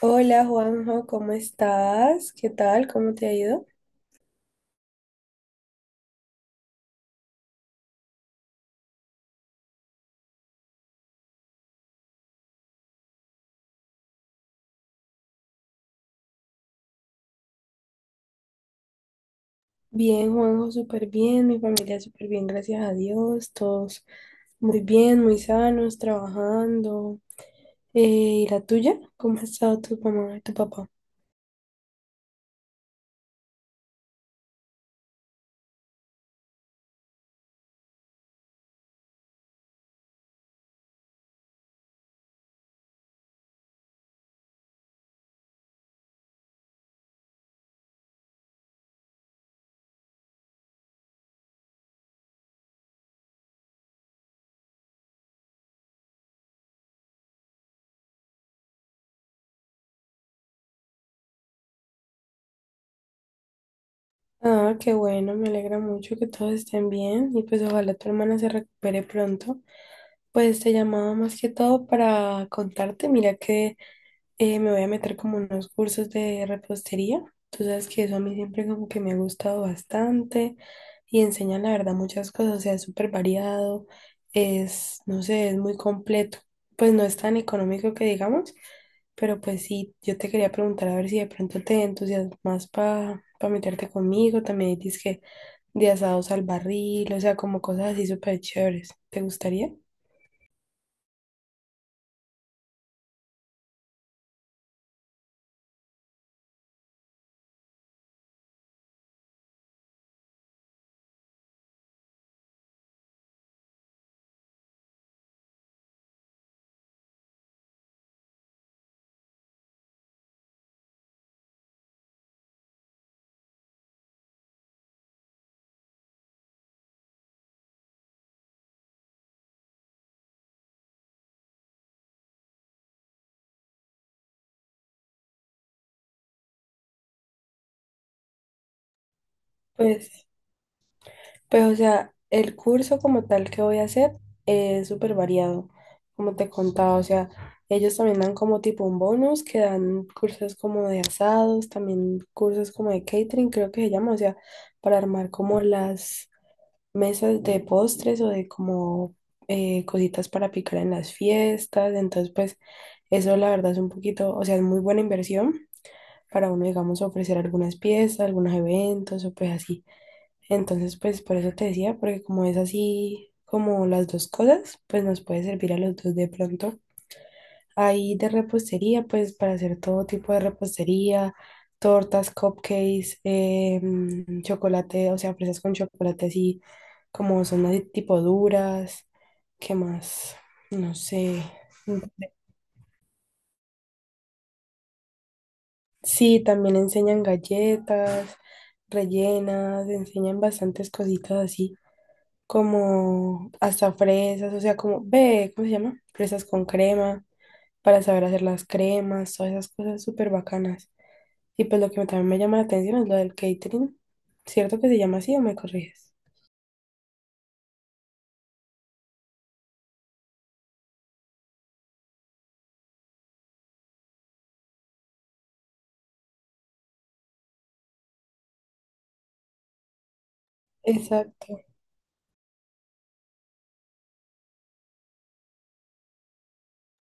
Hola Juanjo, ¿cómo estás? ¿Qué tal? ¿Cómo te ha ido? Bien, Juanjo, súper bien, mi familia súper bien, gracias a Dios, todos muy bien, muy sanos, trabajando. Eh, ¿Y la tuya? ¿Cómo ha estado tu mamá y tu papá? Ah, qué bueno, me alegra mucho que todos estén bien y pues ojalá tu hermana se recupere pronto. Pues te llamaba más que todo para contarte, mira que me voy a meter como unos cursos de repostería. Tú sabes que eso a mí siempre como que me ha gustado bastante y enseñan la verdad muchas cosas, o sea, es súper variado, es, no sé, es muy completo. Pues no es tan económico que digamos, pero pues sí, yo te quería preguntar a ver si de pronto te entusiasmas para meterte conmigo. También dices que de asados al barril, o sea, como cosas así súper chéveres. ¿Te gustaría? Pues Pues, o sea, el curso como tal que voy a hacer es súper variado, como te contaba. O sea, ellos también dan como tipo un bonus, que dan cursos como de asados, también cursos como de catering, creo que se llama. O sea, para armar como las mesas de postres o de como cositas para picar en las fiestas. Entonces, pues, eso la verdad es un poquito, o sea, es muy buena inversión para uno, digamos, ofrecer algunas piezas, algunos eventos o pues así. Entonces, pues por eso te decía, porque como es así como las dos cosas, pues nos puede servir a los dos de pronto. Ahí de repostería, pues para hacer todo tipo de repostería, tortas, cupcakes, chocolate, o sea, fresas con chocolate así como son así tipo duras. ¿Qué más? No sé. Sí, también enseñan galletas, rellenas, enseñan bastantes cositas así, como hasta fresas, o sea, como, ve, ¿cómo se llama? Fresas con crema, para saber hacer las cremas, todas esas cosas súper bacanas. Y pues lo que también me llama la atención es lo del catering. ¿Cierto que se llama así o me corriges? Exacto.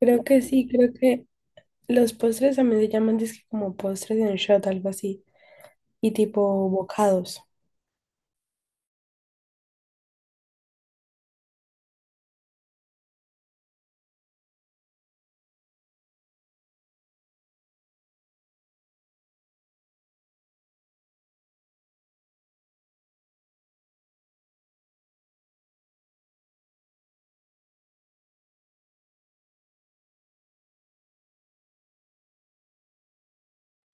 Creo que sí, creo que los postres también se llaman disque como postres en shot, algo así, y tipo bocados.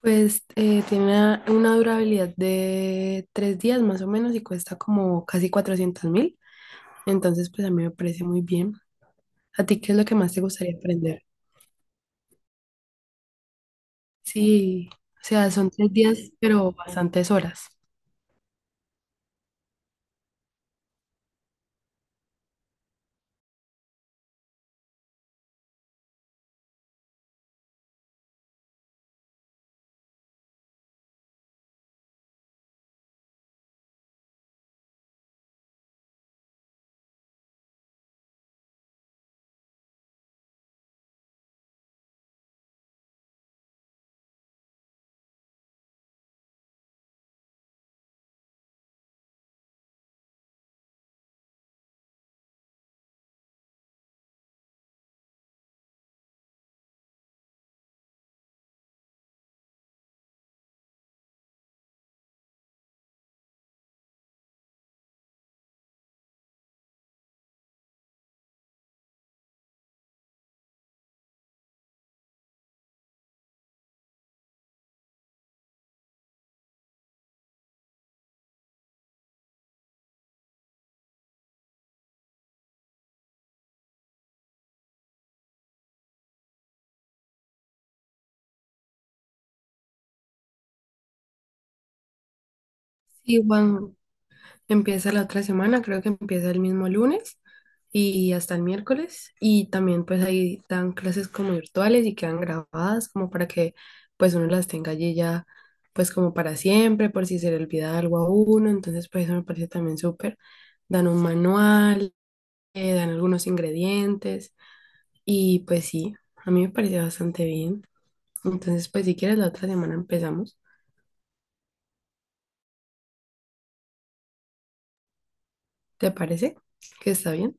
Pues tiene una durabilidad de 3 días más o menos y cuesta como casi 400.000. Entonces, pues a mí me parece muy bien. ¿A ti qué es lo que más te gustaría aprender? Sí, o sea, son 3 días, pero bastantes horas. Sí, Juan, empieza la otra semana, creo que empieza el mismo lunes y hasta el miércoles. Y también pues ahí dan clases como virtuales y quedan grabadas como para que pues uno las tenga allí ya pues como para siempre, por si se le olvida algo a uno. Entonces pues eso me parece también súper. Dan un manual, dan algunos ingredientes y pues sí, a mí me parece bastante bien. Entonces, pues si quieres, la otra semana empezamos. ¿Te parece? Que está bien.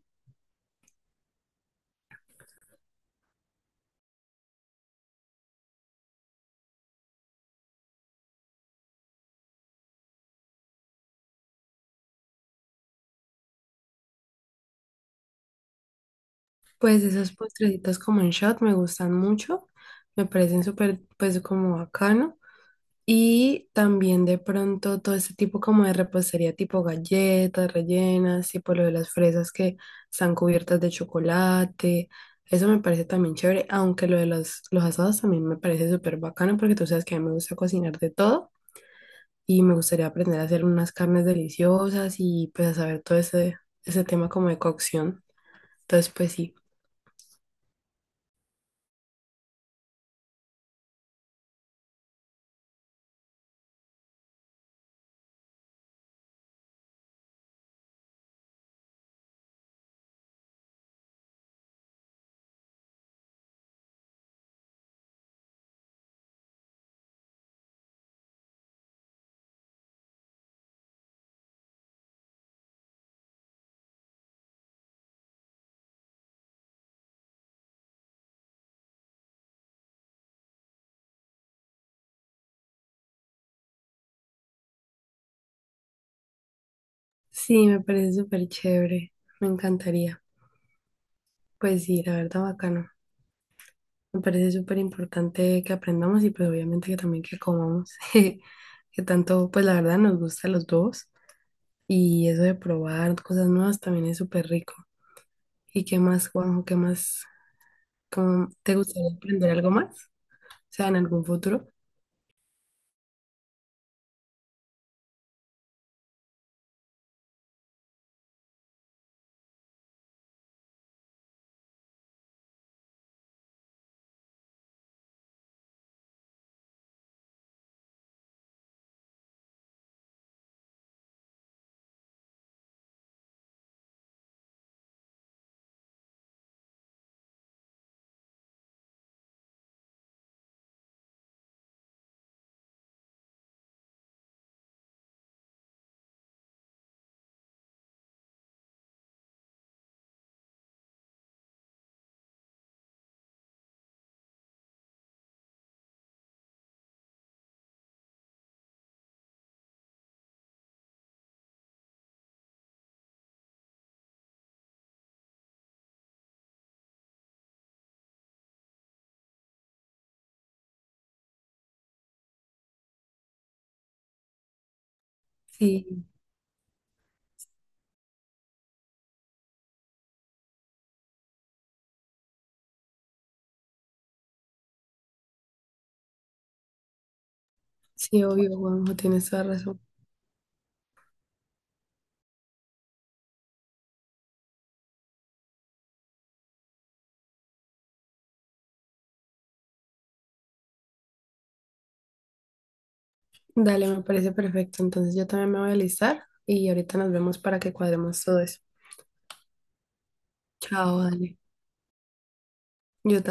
Pues esos postrecitos como en shot me gustan mucho. Me parecen súper, pues como bacano. Y también de pronto todo este tipo como de repostería tipo galletas rellenas, tipo lo de las fresas que están cubiertas de chocolate. Eso me parece también chévere, aunque lo de los asados también me parece súper bacano porque tú sabes que a mí me gusta cocinar de todo. Y me gustaría aprender a hacer unas carnes deliciosas y pues a saber todo ese, ese tema como de cocción. Entonces, pues sí, sí, me parece súper chévere, me encantaría. Pues sí, la verdad, bacano. Me parece súper importante que aprendamos y pues obviamente que también que comamos, que tanto, pues la verdad nos gusta a los dos y eso de probar cosas nuevas también es súper rico. ¿Y qué más, Juanjo? ¿Qué más? ¿Cómo te gustaría aprender algo más? O sea, en algún futuro. Sí. Sí, obvio, Juanjo, tienes toda razón. Dale, me parece perfecto. Entonces yo también me voy a alistar y ahorita nos vemos para que cuadremos todo eso. Chao, dale. Yo también.